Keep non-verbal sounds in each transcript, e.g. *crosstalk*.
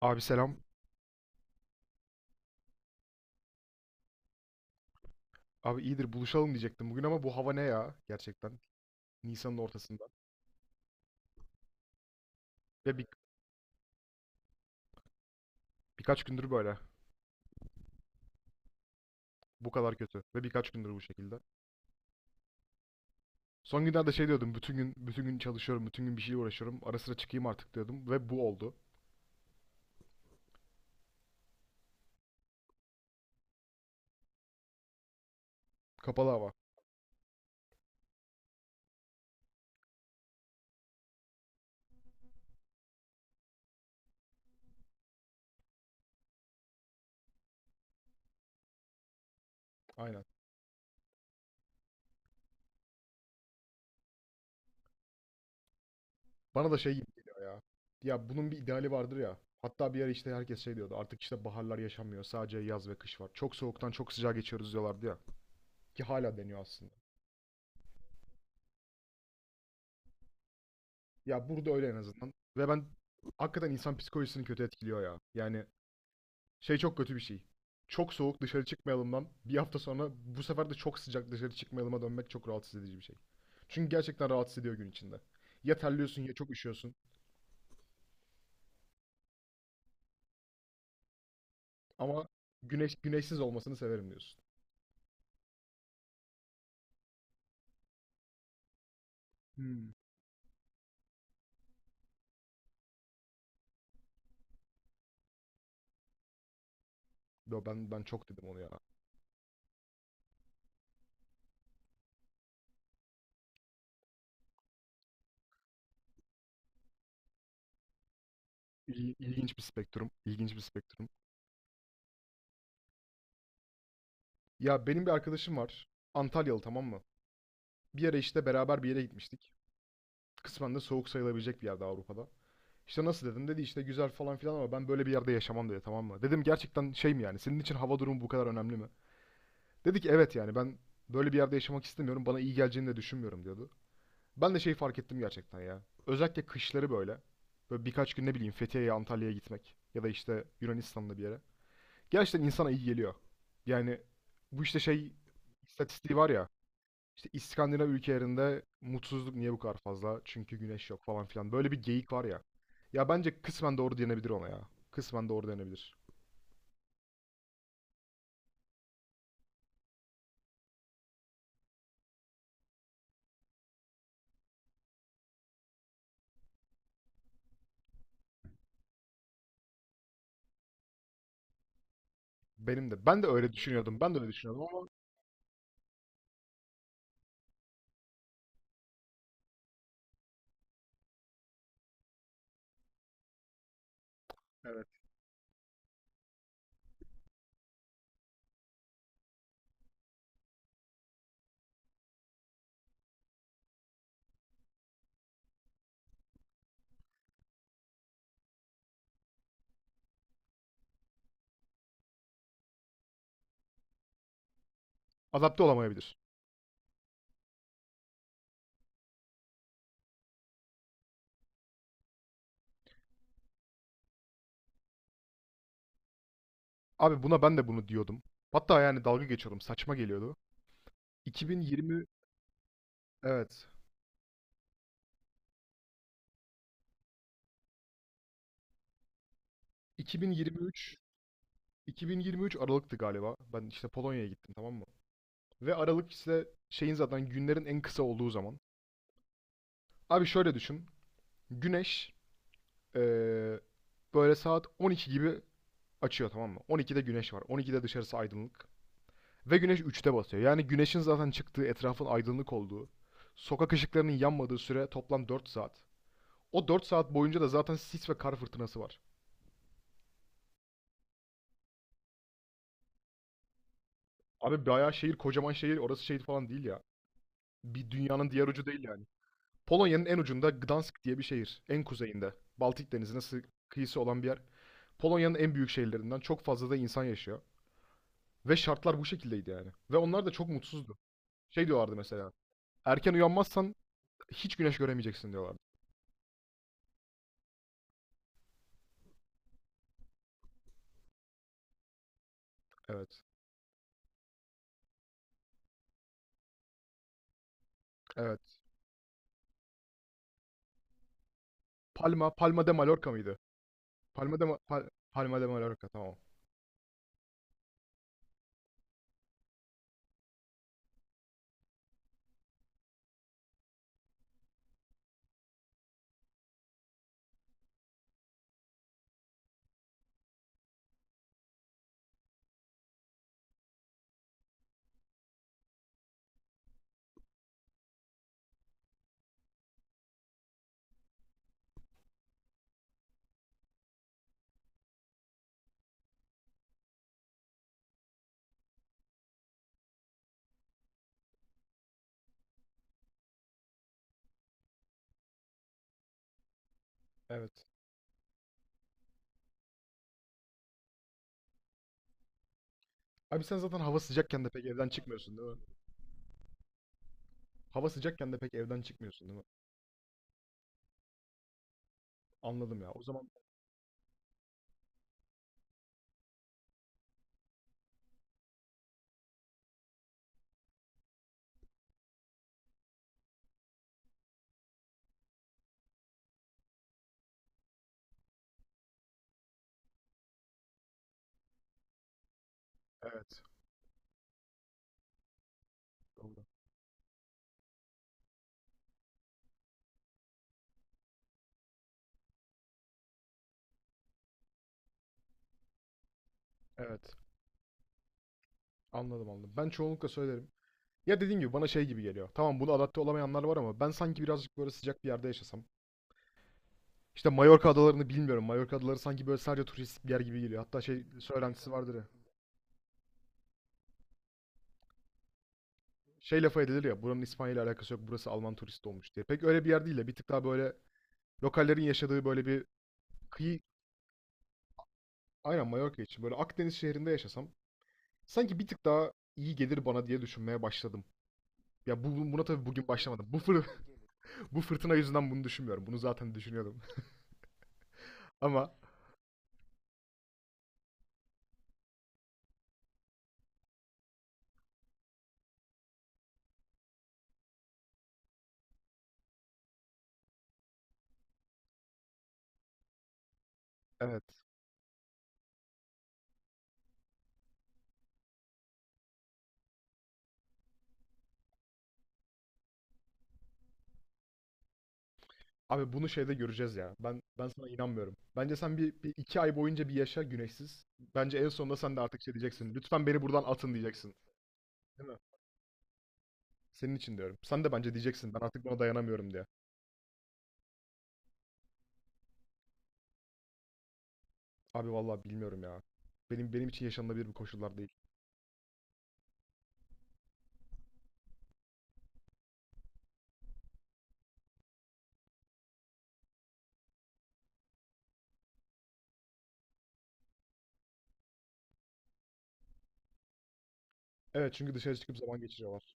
Abi selam. Abi iyidir buluşalım diyecektim bugün ama bu hava ne ya gerçekten? Nisan'ın ortasında. Ve birkaç gündür böyle. Bu kadar kötü. Ve birkaç gündür bu şekilde. Son günlerde şey diyordum. Bütün gün bütün gün çalışıyorum. Bütün gün bir şeyle uğraşıyorum. Ara sıra çıkayım artık diyordum. Ve bu oldu. Kapalı hava. Aynen. Bana da şey gibi geliyor ya. Ya bunun bir ideali vardır ya. Hatta bir ara işte herkes şey diyordu. Artık işte baharlar yaşanmıyor. Sadece yaz ve kış var. Çok soğuktan çok sıcağa geçiyoruz diyorlardı ya. Ki hala deniyor aslında. Ya burada öyle en azından. Ve ben hakikaten insan psikolojisini kötü etkiliyor ya. Yani şey çok kötü bir şey. Çok soğuk dışarı çıkmayalımdan bir hafta sonra bu sefer de çok sıcak dışarı çıkmayalıma dönmek çok rahatsız edici bir şey. Çünkü gerçekten rahatsız ediyor gün içinde. Ya terliyorsun ya çok üşüyorsun. Ama güneş güneşsiz olmasını severim diyorsun. Hmm. Yo, ben çok dedim onu ya. İlginç bir spektrum, ilginç bir spektrum. Ya benim bir arkadaşım var. Antalyalı, tamam mı? Bir yere işte beraber bir yere gitmiştik. Kısmen de soğuk sayılabilecek bir yerde Avrupa'da. İşte nasıl dedim, dedi işte güzel falan filan ama ben böyle bir yerde yaşamam dedi, tamam mı? Dedim gerçekten şey mi, yani senin için hava durumu bu kadar önemli mi? Dedi ki evet, yani ben böyle bir yerde yaşamak istemiyorum, bana iyi geleceğini de düşünmüyorum diyordu. Ben de şeyi fark ettim gerçekten ya. Özellikle kışları böyle. Böyle birkaç gün ne bileyim Fethiye'ye Antalya'ya gitmek ya da işte Yunanistan'da bir yere. Gerçekten insana iyi geliyor. Yani bu işte şey istatistiği var ya, işte İskandinav ülkelerinde mutsuzluk niye bu kadar fazla? Çünkü güneş yok falan filan. Böyle bir geyik var ya. Ya bence kısmen doğru denebilir ona ya. Kısmen doğru denebilir. Benim de. Ben de öyle düşünüyordum. Ben de öyle düşünüyordum ama evet. Adapte olamayabilir. Abi buna ben de bunu diyordum. Hatta yani dalga geçiyordum. Saçma geliyordu. 2020, evet. 2023, Aralık'tı galiba. Ben işte Polonya'ya gittim, tamam mı? Ve Aralık işte şeyin zaten günlerin en kısa olduğu zaman. Abi şöyle düşün. Güneş Ee, böyle saat 12 gibi açıyor, tamam mı? 12'de güneş var. 12'de dışarısı aydınlık. Ve güneş 3'te batıyor. Yani güneşin zaten çıktığı, etrafın aydınlık olduğu, sokak ışıklarının yanmadığı süre toplam 4 saat. O 4 saat boyunca da zaten sis ve kar fırtınası var. Abi bayağı şehir, kocaman şehir, orası şehir falan değil ya. Bir dünyanın diğer ucu değil yani. Polonya'nın en ucunda Gdansk diye bir şehir. En kuzeyinde. Baltık Denizi'ne kıyısı olan bir yer. Polonya'nın en büyük şehirlerinden, çok fazla da insan yaşıyor. Ve şartlar bu şekildeydi yani. Ve onlar da çok mutsuzdu. Şey diyorlardı mesela. Erken uyanmazsan hiç güneş göremeyeceksin diyorlardı. Evet. Evet. Palma de Mallorca mıydı? Palma de Mallorca, tamam. Evet. Abi sen zaten hava sıcakken de pek evden çıkmıyorsun, değil mi? Hava sıcakken de pek evden çıkmıyorsun, değil mi? Anladım ya. O zaman evet. Doğru. Evet. Anladım anladım. Ben çoğunlukla söylerim. Ya dediğim gibi bana şey gibi geliyor. Tamam, bunu adapte olamayanlar var ama ben sanki birazcık böyle sıcak bir yerde yaşasam. İşte Mallorca adalarını bilmiyorum. Mallorca adaları sanki böyle sadece turistik bir yer gibi geliyor. Hatta şey söylentisi vardır ya. Şey lafı edilir ya, buranın İspanya ile alakası yok, burası Alman turist olmuş diye. Pek öyle bir yer değil de bir tık daha böyle lokallerin yaşadığı böyle bir kıyı, aynen Mallorca için, böyle Akdeniz şehrinde yaşasam sanki bir tık daha iyi gelir bana diye düşünmeye başladım. Ya buna tabii bugün başlamadım. *laughs* Bu fırtına yüzünden bunu düşünmüyorum. Bunu zaten düşünüyordum. *laughs* Ama evet. Abi bunu şeyde göreceğiz ya. Ben sana inanmıyorum. Bence sen bir iki ay boyunca bir yaşa güneşsiz. Bence en sonunda sen de artık şey diyeceksin. Lütfen beni buradan atın diyeceksin. Değil mi? Senin için diyorum. Sen de bence diyeceksin ben artık buna dayanamıyorum diye. Abi vallahi bilmiyorum ya. Benim için yaşanılabilir bu koşullar değil. Evet, çünkü dışarı çıkıp zaman geçiriyorlar.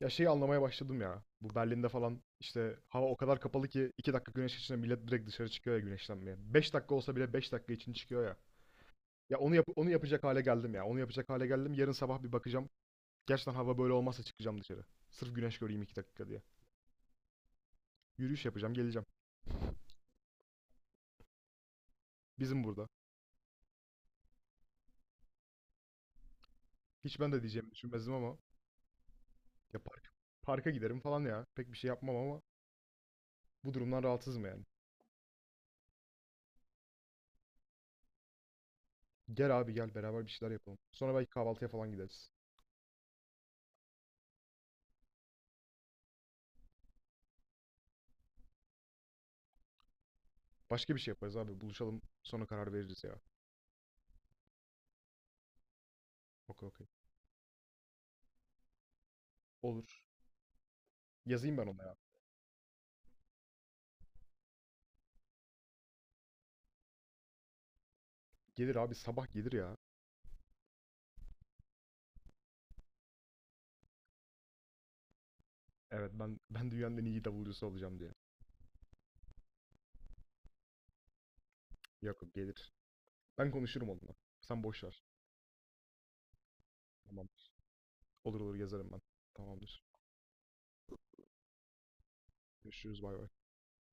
Ya şeyi anlamaya başladım ya. Bu Berlin'de falan işte hava o kadar kapalı ki 2 dakika güneş açınca millet direkt dışarı çıkıyor ya güneşlenmeye. 5 dakika olsa bile 5 dakika için çıkıyor ya. Ya onu yapacak hale geldim ya. Onu yapacak hale geldim. Yarın sabah bir bakacağım. Gerçekten hava böyle olmazsa çıkacağım dışarı. Sırf güneş göreyim 2 dakika diye. Yürüyüş yapacağım, geleceğim. Bizim burada. Hiç ben de diyeceğimi düşünmezdim ama ya parka giderim falan ya. Pek bir şey yapmam ama bu durumdan rahatsızım yani. Gel abi gel, beraber bir şeyler yapalım. Sonra belki kahvaltıya falan gideriz. Başka bir şey yaparız abi. Buluşalım, sonra karar veririz ya. Okey okey. Olur. Yazayım ben ona ya. Gelir abi, sabah gelir ya. Evet, ben dünyanın en iyi davulcusu olacağım diye. Yok yok, gelir. Ben konuşurum onunla. Sen boş ver. Tamamdır. Olur olur, yazarım ben. Tamamdır. Görüşürüz, bay bay.